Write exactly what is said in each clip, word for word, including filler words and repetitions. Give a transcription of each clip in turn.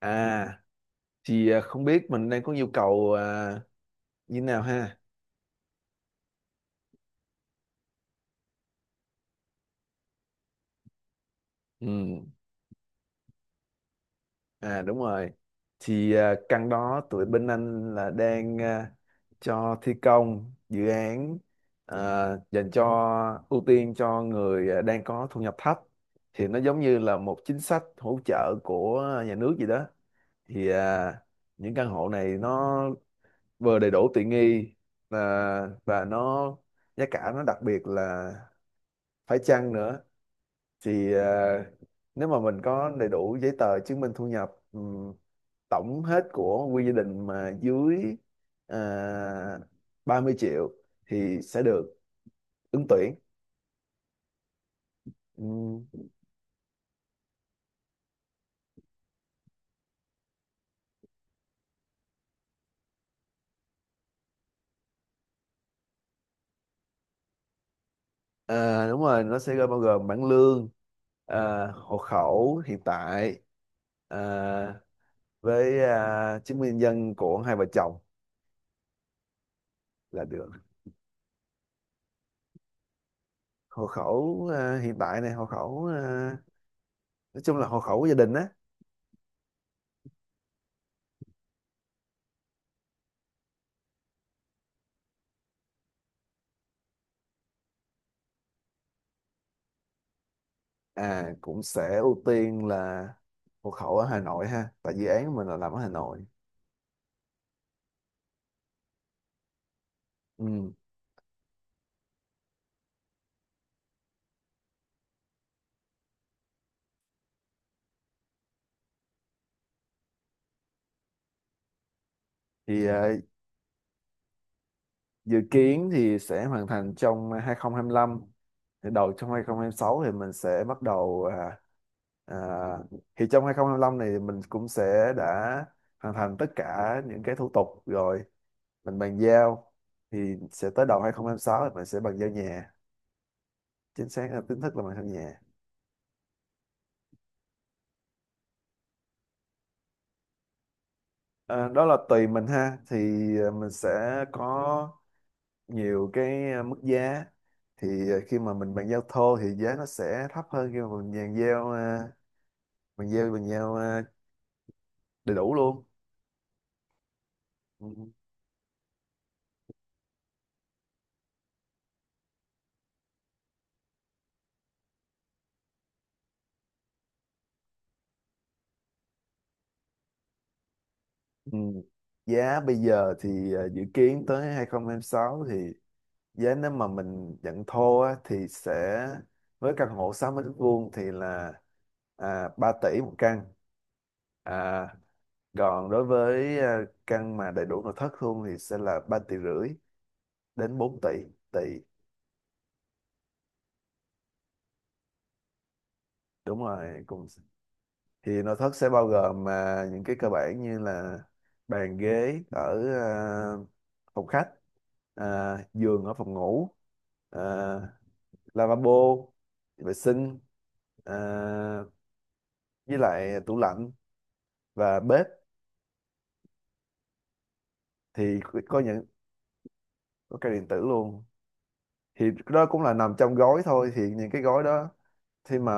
À, thì à, không biết mình đang có nhu cầu à, như thế nào ha. Ừ, à đúng rồi. Thì à, căn đó tụi bên anh là đang à, cho thi công dự án à, dành cho ưu tiên cho người à, đang có thu nhập thấp. Thì nó giống như là một chính sách hỗ trợ của nhà nước gì đó. Thì à, những căn hộ này nó vừa đầy đủ tiện nghi, à, và nó giá cả nó đặc biệt là phải chăng nữa. Thì à, nếu mà mình có đầy đủ giấy tờ chứng minh thu nhập, ừm, tổng hết của quy gia đình mà dưới à, ba mươi triệu thì sẽ được ứng tuyển. Ừm, à, đúng rồi, nó sẽ bao gồm bảng lương, à, hộ khẩu hiện tại, à, với à, chứng minh nhân dân của hai vợ chồng là được. Hộ khẩu à, hiện tại này, hộ khẩu à, nói chung là hộ khẩu của gia đình á. À cũng sẽ ưu tiên là hộ khẩu ở Hà Nội ha, tại dự án của mình là làm ở Hà Nội. Ừ. Thì à, dự kiến thì sẽ hoàn thành trong hai không hai năm, thì đầu trong hai không hai sáu thì mình sẽ bắt đầu. à, à, thì trong hai không hai năm này thì mình cũng sẽ đã hoàn thành tất cả những cái thủ tục rồi mình bàn giao. Thì sẽ tới đầu hai không hai sáu thì mình sẽ bàn giao nhà, chính xác là chính thức là bàn giao nhà. À, đó là tùy mình ha. Thì à, mình sẽ có nhiều cái à, mức giá. Thì à, khi mà mình bàn giao thô thì giá nó sẽ thấp hơn khi mà mình bàn giao à, bàn giao bàn giao à, đầy đủ luôn. Ừ. Ừ. Giá bây giờ thì à, dự kiến tới hai không hai sáu thì giá nếu mà mình nhận thô á, thì sẽ với căn hộ sáu mươi mét vuông thì là à, ba tỷ một căn. à, Còn đối với à, căn mà đầy đủ nội thất luôn thì sẽ là ba tỷ rưỡi đến bốn tỷ tỷ Đúng rồi cùng. Thì nội thất sẽ bao gồm mà những cái cơ bản như là bàn ghế ở à, phòng khách, à, giường ở phòng ngủ, à, lavabo vệ sinh, à, với lại tủ lạnh và bếp. Thì có có những có cái điện tử luôn. Thì đó cũng là nằm trong gói thôi, thì những cái gói đó khi mà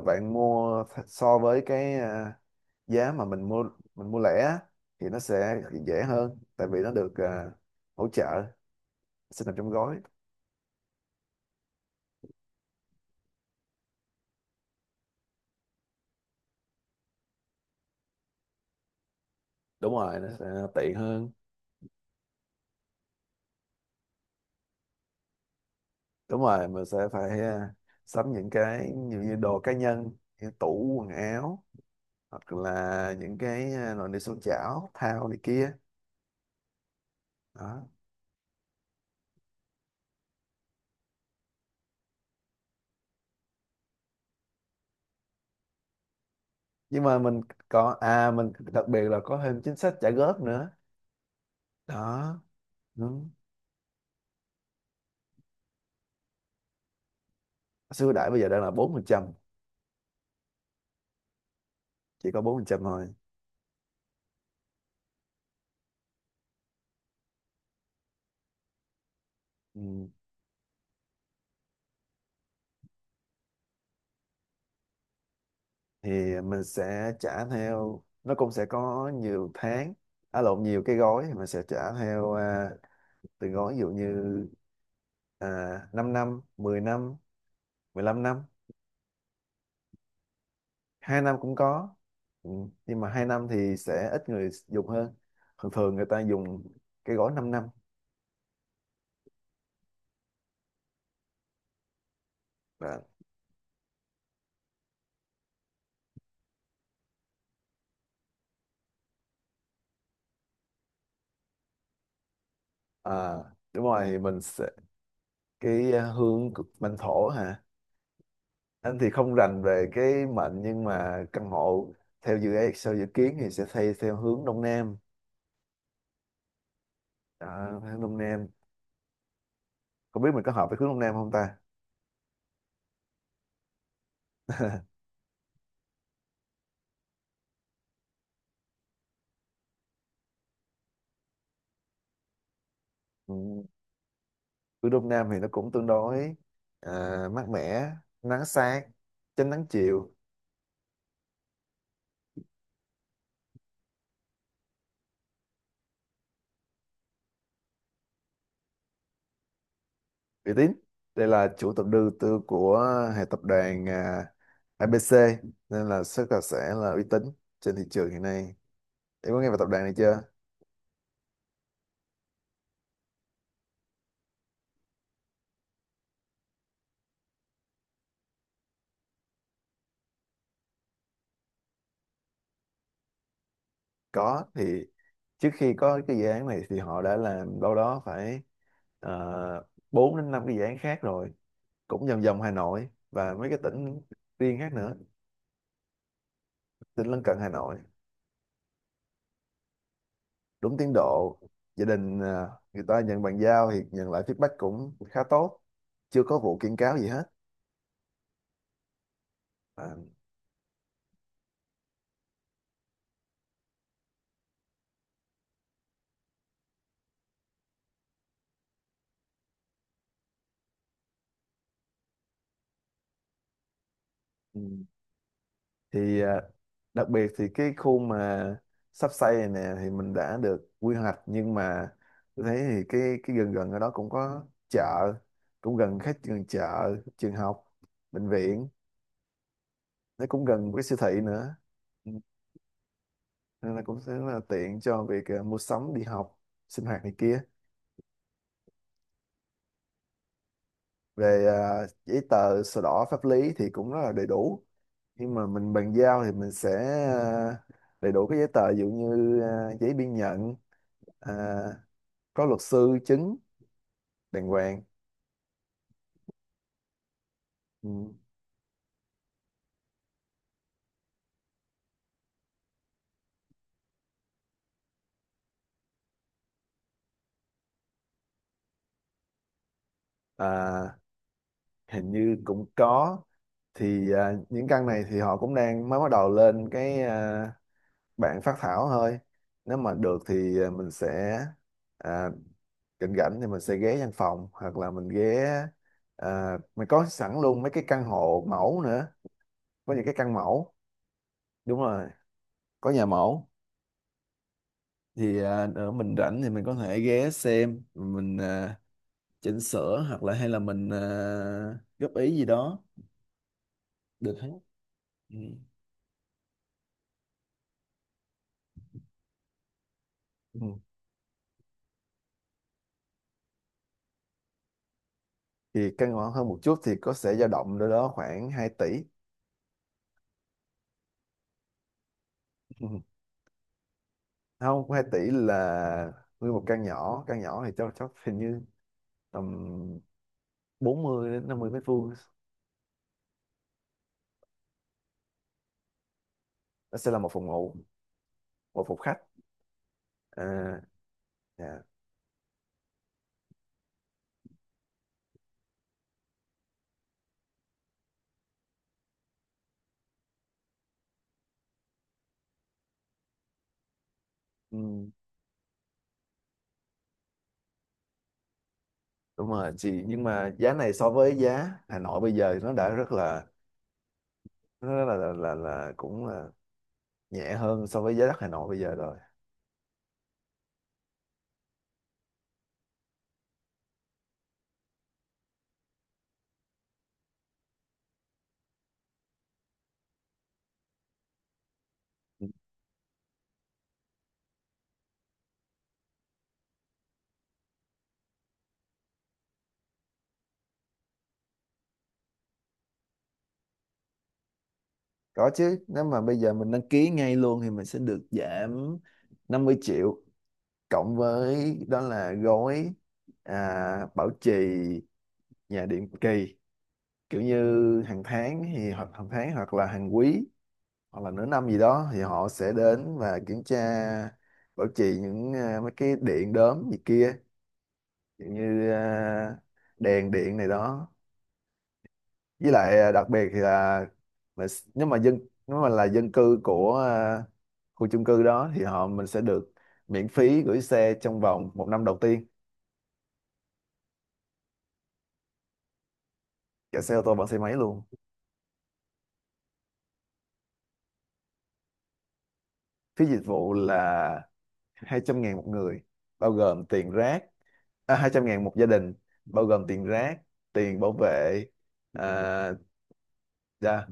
bạn mua th- so với cái à, giá mà mình mua mình mua lẻ á, thì nó sẽ dễ hơn tại vì nó được à, hỗ trợ, sẽ nằm trong gói. Đúng rồi, nó sẽ tiện hơn. Đúng rồi, mình sẽ phải ờ, sắm những cái nhiều như đồ cá nhân, như tủ quần áo, hoặc là những cái ờ, nồi niêu xoong chảo thao này kia đó. Nhưng mà mình có à mình đặc biệt là có thêm chính sách trả góp nữa đó. Đúng. Số ưu đãi bây giờ đang là bốn phần trăm, chỉ có bốn phần trăm thôi. Ừ. Thì mình sẽ trả theo, nó cũng sẽ có nhiều tháng, à lộn, nhiều cái gói, thì mình sẽ trả theo à, từng gói, ví dụ như à, 5 năm, mười năm, mười lăm năm, hai năm cũng có. Ừ. Nhưng mà hai năm thì sẽ ít người dùng hơn, thường thường người ta dùng cái gói 5 năm. Vâng. à, đúng rồi thì mình sẽ cái à, hương của- mệnh thổ hả? Anh thì không rành về cái mệnh, nhưng mà căn hộ theo dự án sau dự kiến thì sẽ xây theo hướng đông nam. Đó, hướng đông nam. Không biết mình có hợp với hướng đông nam không ta. Ừ. Ở Đông Nam thì nó cũng tương đối à, mát mẻ, nắng sáng, tránh nắng chiều. Uy tín. Đây là chủ tập đầu tư của hệ tập đoàn à, a bê xê, nên là rất là sẽ là uy tín trên thị trường hiện nay. Em có nghe về tập đoàn này chưa? Có. Thì trước khi có cái dự án này thì họ đã làm đâu đó phải uh, bốn đến năm cái dự án khác rồi, cũng vòng vòng Hà Nội và mấy cái tỉnh riêng khác nữa, tỉnh lân cận Hà Nội. Đúng tiến độ. Gia đình à, người ta nhận bàn giao thì nhận lại feedback cũng khá tốt, chưa có vụ kiện cáo gì hết. à, ừ. Thì à, đặc biệt thì cái khu mà sắp xây này nè thì mình đã được quy hoạch, nhưng mà tôi thấy thì cái cái gần gần ở đó cũng có chợ, cũng gần khách, gần chợ, trường học, bệnh viện, nó cũng gần cái siêu thị nữa. Ừ. Nên là cũng rất là tiện cho việc à, mua sắm, đi học, sinh hoạt này kia. Về à, giấy tờ sổ đỏ pháp lý thì cũng rất là đầy đủ. Khi mà mình bàn giao thì mình sẽ à, đầy đủ các giấy tờ, ví dụ như à, giấy biên nhận, à, có luật sư chứng đàng hoàng. Ừ. à, hình như cũng có. Thì à, những căn này thì họ cũng đang mới bắt đầu lên cái à, bạn phát thảo thôi. Nếu mà được thì à, mình sẽ à, rảnh rảnh thì mình sẽ ghé văn phòng, hoặc là mình ghé à, mình có sẵn luôn mấy cái căn hộ mẫu nữa, có những cái căn mẫu. Đúng rồi, có nhà mẫu. Thì à, nữa mình rảnh thì mình có thể ghé xem, mình à, chỉnh sửa hoặc là hay là mình à, góp ý gì đó được hết. Ừ. Ừ. Thì căn hộ hơn một chút thì có sẽ dao động đâu đó khoảng hai tỷ. Ừ. Không, hai tỷ là nguyên một căn nhỏ căn nhỏ thì chắc chắc hình như tầm bốn mươi đến năm mươi mét vuông. Nó sẽ là một phòng ngủ, một phòng khách, à, dạ. Ừ, đúng rồi chị, nhưng mà giá này so với giá Hà Nội bây giờ thì nó đã rất là nó rất là là, là, là cũng là nhẹ hơn so với giá đất Hà Nội bây giờ rồi. Có chứ, nếu mà bây giờ mình đăng ký ngay luôn thì mình sẽ được giảm năm mươi triệu, cộng với đó là gói à, bảo trì nhà định kỳ, kiểu như hàng tháng, thì hoặc hàng tháng hoặc là hàng quý hoặc là nửa năm gì đó thì họ sẽ đến và kiểm tra bảo trì những à, mấy cái điện đóm gì kia, kiểu như à, đèn điện này đó. Với lại à, đặc biệt thì là, là s- nếu mà dân nếu mà là dân cư của à, khu chung cư đó thì họ mình sẽ được miễn phí gửi xe trong vòng một năm đầu tiên. Cả xe ô tô lẫn xe máy luôn. Phí dịch vụ là hai trăm ngàn một người, bao gồm tiền rác. À, hai trăm ngàn một gia đình, bao gồm tiền rác, tiền bảo vệ. à, dạ,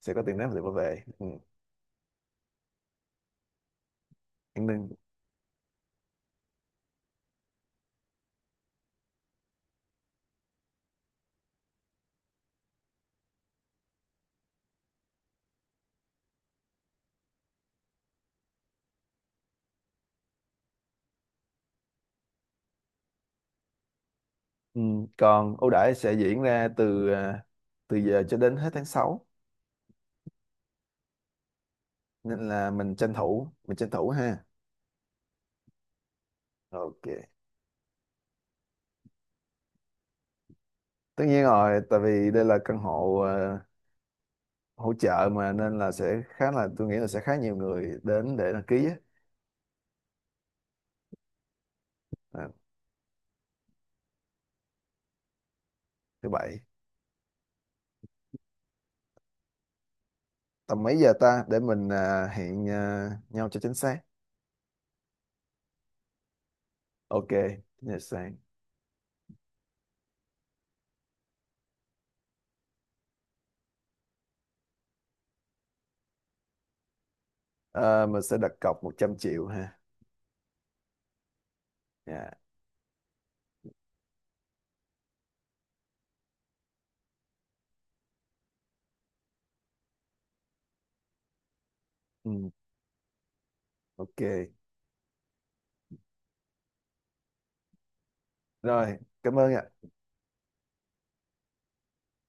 sẽ có tiền rác và tiền bảo vệ. Ừ. An ninh. Ừ. Còn ưu đãi sẽ diễn ra từ à, từ giờ cho đến hết tháng sáu, nên là mình tranh thủ mình tranh thủ ha. Ok. Tất nhiên rồi, tại vì đây là căn hộ à, hỗ trợ mà, nên là sẽ khá là, tôi nghĩ là sẽ khá nhiều người đến để đăng ký á. À, thứ bảy tầm mấy giờ ta, để mình à, hẹn à, nhau cho chính xác. Ok. Giờ sáng. À, mình sẽ đặt cọc một trăm triệu ha. Dạ. Ừ, ok. Rồi, cảm ơn ạ.